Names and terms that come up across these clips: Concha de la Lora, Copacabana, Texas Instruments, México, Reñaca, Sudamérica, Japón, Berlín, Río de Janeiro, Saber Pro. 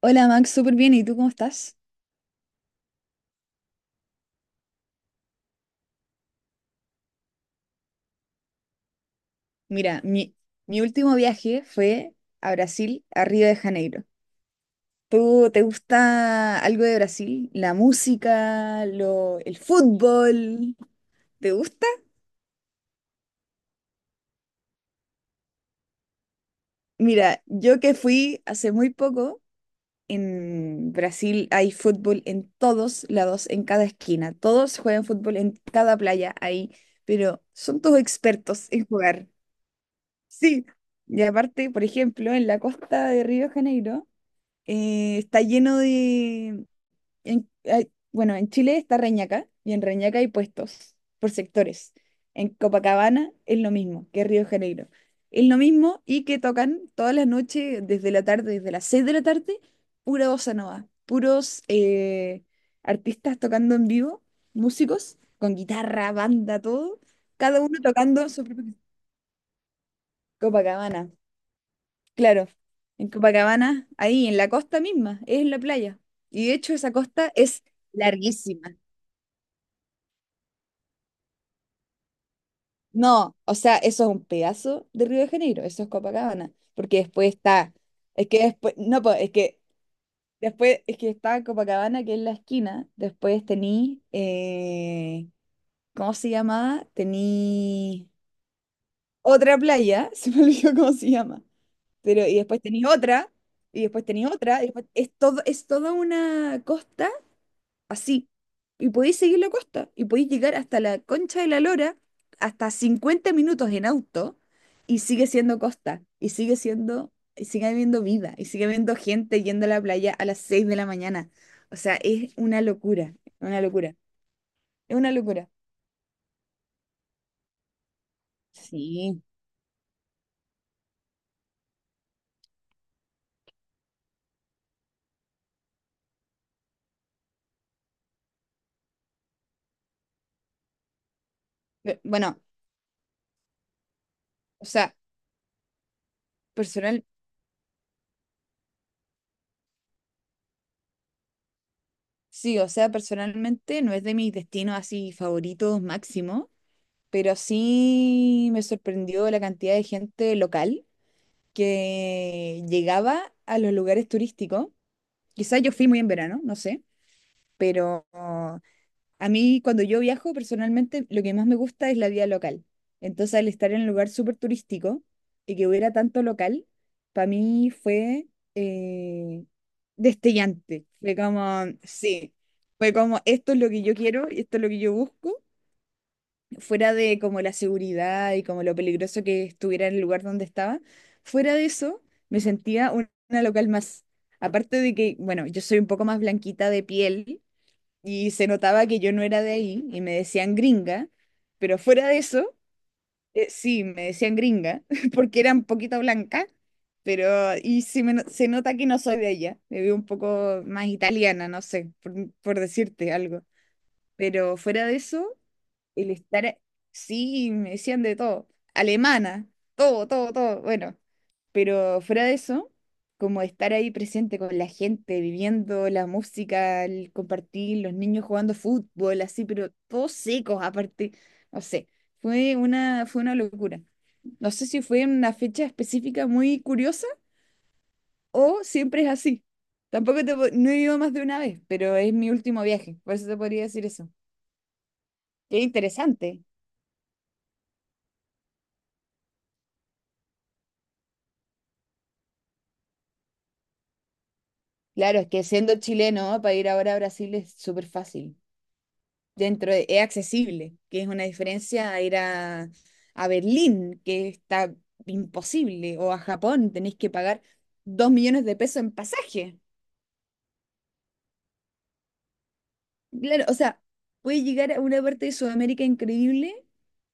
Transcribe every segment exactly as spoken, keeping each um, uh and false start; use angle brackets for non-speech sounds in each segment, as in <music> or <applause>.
Hola Max, súper bien. ¿Y tú cómo estás? Mira, mi, mi último viaje fue a Brasil, a Río de Janeiro. ¿Tú te gusta algo de Brasil? ¿La música, lo, el fútbol? ¿Te gusta? Mira, yo que fui hace muy poco, en Brasil hay fútbol en todos lados, en cada esquina. Todos juegan fútbol en cada playa ahí, pero son todos expertos en jugar. Sí. Y aparte, por ejemplo, en la costa de Río de Janeiro, eh, está lleno de. En- hay- bueno, en Chile está Reñaca y en Reñaca hay puestos por sectores. En Copacabana es lo mismo que Río de Janeiro. Es lo mismo y que tocan todas las noches desde la tarde, desde las seis de la tarde, pura bossa nova, puros eh, artistas tocando en vivo, músicos con guitarra, banda, todo, cada uno tocando su propio Copacabana. Claro, en Copacabana, ahí en la costa misma, es en la playa. Y de hecho esa costa es larguísima. No, o sea, eso es un pedazo de Río de Janeiro, eso es Copacabana, porque después está, es que después, no, po, es que después, es que está Copacabana, que es la esquina, después tení, eh, ¿cómo se llamaba? Tení otra playa, <laughs> se me olvidó cómo se llama, pero y después tení otra, y después tení otra, y después es todo, es toda una costa así. Y podéis seguir la costa y podéis llegar hasta la Concha de la Lora, hasta cincuenta minutos en auto, y sigue siendo costa, y sigue siendo, y sigue habiendo vida, y sigue habiendo gente yendo a la playa a las seis de la mañana. O sea, es una locura, una locura, es una locura. Sí. Pe- Bueno, o sea, personal, sí, o sea, personalmente no es de mis destinos así favoritos máximo, pero sí me sorprendió la cantidad de gente local que llegaba a los lugares turísticos. Quizás yo fui muy en verano, no sé, pero a mí cuando yo viajo personalmente lo que más me gusta es la vida local. Entonces al estar en un lugar súper turístico y que hubiera tanto local, para mí fue eh, destellante. Fue como, sí, fue como, esto es lo que yo quiero y esto es lo que yo busco fuera de como la seguridad y como lo peligroso que estuviera en el lugar donde estaba, fuera de eso me sentía un- una local más. Aparte de que, bueno, yo soy un poco más blanquita de piel y se notaba que yo no era de ahí y me decían gringa, pero fuera de eso, eh, sí, me decían gringa <laughs> porque era un poquito blanca, pero y sí me no- se nota que no soy de allá, me veo un poco más italiana, no sé, por por decirte algo. Pero fuera de eso. El estar, sí, me decían de todo, alemana, todo, todo, todo, bueno, pero fuera de eso, como estar ahí presente con la gente, viviendo la música, el compartir, los niños jugando fútbol, así, pero todos secos aparte, no sé, fue una, fue una locura. No sé si fue en una fecha específica muy curiosa o siempre es así. Tampoco te, po- no he ido más de una vez, pero es mi último viaje, por eso te podría decir eso. Qué interesante. Claro, es que siendo chileno, para ir ahora a Brasil es súper fácil. Dentro de- es accesible, que es una diferencia a ir a, a Berlín, que está imposible, o a Japón, tenéis que pagar dos millones de pesos en pasaje. Claro, o sea, puedes llegar a una parte de Sudamérica increíble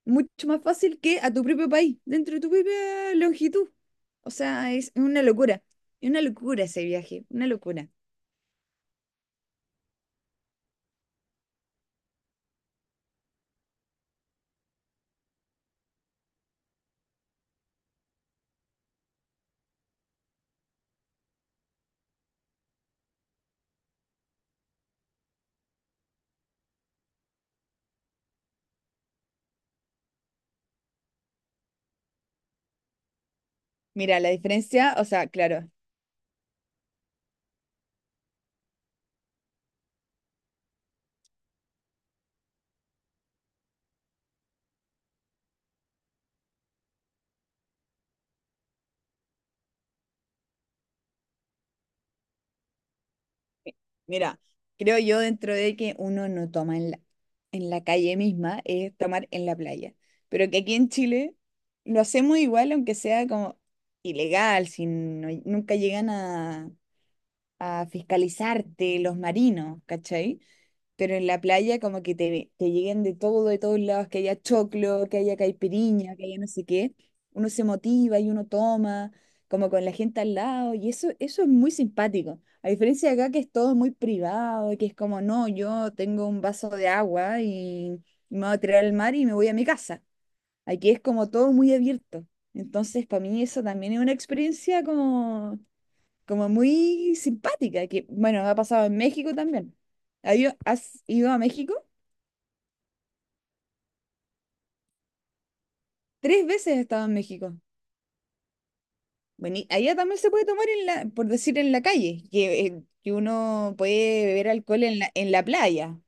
mucho más fácil que a tu propio país, dentro de tu propia longitud. O sea, es una locura. Es una locura ese viaje, una locura. Mira, la diferencia, o sea, claro, Mira, creo yo dentro de que uno no toma en la, en la calle misma, es tomar en la playa. Pero que aquí en Chile lo hacemos igual, aunque sea como ilegal, si no- nunca llegan a, a fiscalizarte los marinos, ¿cachai? Pero en la playa como que te, te lleguen de todo, de todos lados, que haya choclo, que haya caipiriña, que haya no sé qué, uno se motiva y uno toma, como con la gente al lado, y eso, eso es muy simpático. A diferencia de acá que es todo muy privado, que es como, no, yo tengo un vaso de agua y me voy a tirar al mar y me voy a mi casa. Aquí es como todo muy abierto. Entonces, para mí eso también es una experiencia como como muy simpática, que bueno, ha pasado en México también. ¿Ha ido- ¿Has ido a México? Tres veces he estado en México. Bueno, y allá también se puede tomar en la, por decir, en la calle, que, eh, que uno puede beber alcohol en la, en la playa,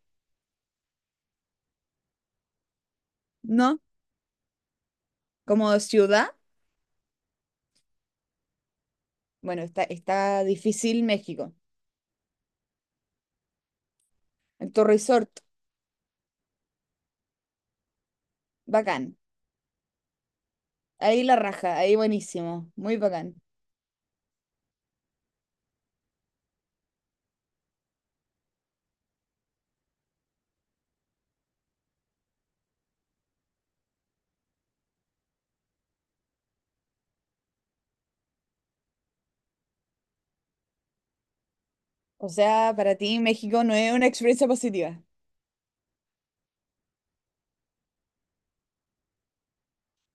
¿no? Como ciudad, bueno, está, está difícil México. El tu resort, bacán. Ahí la raja, ahí buenísimo, muy bacán. O sea, para ti México no es una experiencia positiva.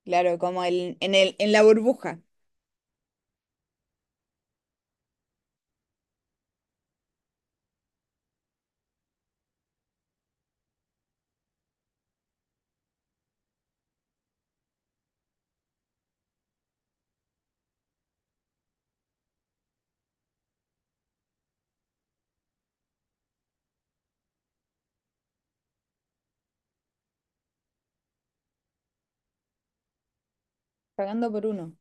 Claro, como el, en el, en la burbuja, pagando por uno.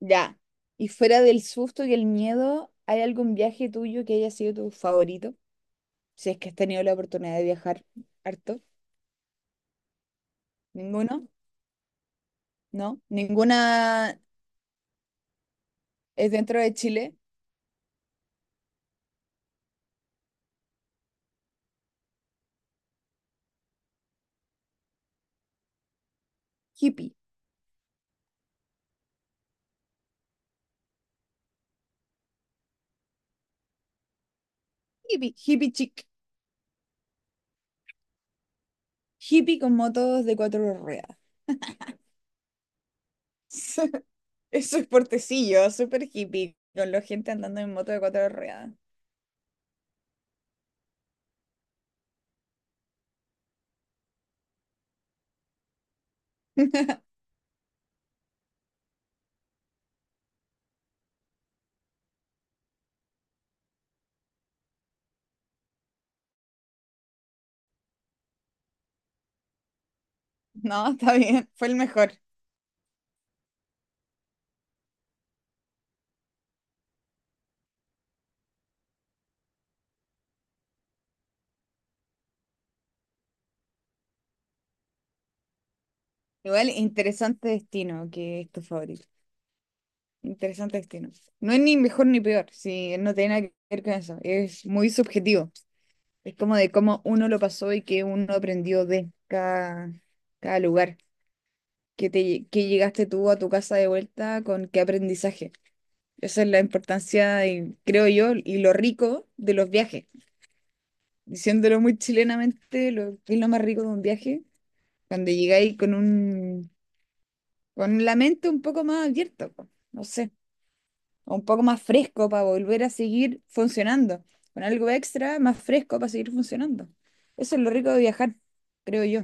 Ya. Y fuera del susto y el miedo, ¿hay algún viaje tuyo que haya sido tu favorito? Si es que has tenido la oportunidad de viajar harto. ¿Ninguno? ¿No? ¿Ninguna es dentro de Chile? Hippie. Hippie. Hippie chic. Hippie con motos de cuatro ruedas. <laughs> Eso es portecillo, súper hippie, con la gente andando en moto de cuatro ruedas. <laughs> No, está bien, fue el mejor. Igual, interesante destino que es tu favorito. Interesante destino. No es ni mejor ni peor, si no tiene nada que ver con eso. Es muy subjetivo. Es como de cómo uno lo pasó y qué uno aprendió de cada, cada lugar. Que te, lle- que llegaste tú a tu casa de vuelta con qué aprendizaje. Esa es la importancia, y, creo yo, y lo rico de los viajes. Diciéndolo muy chilenamente, lo, ¿qué es lo más rico de un viaje? Cuando llegáis con un, con la mente un poco más abierta, po. No sé. Un poco más fresco para volver a seguir funcionando, con algo extra más fresco para seguir funcionando. Eso es lo rico de viajar, creo yo,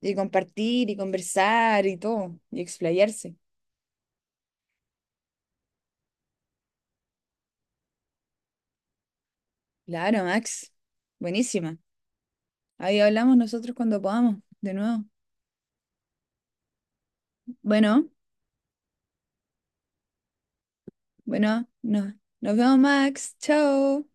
y compartir y conversar y todo, y explayarse. Claro, Max, buenísima. Ahí hablamos nosotros cuando podamos, de nuevo. Bueno, bueno, no, nos vemos, Max, chao.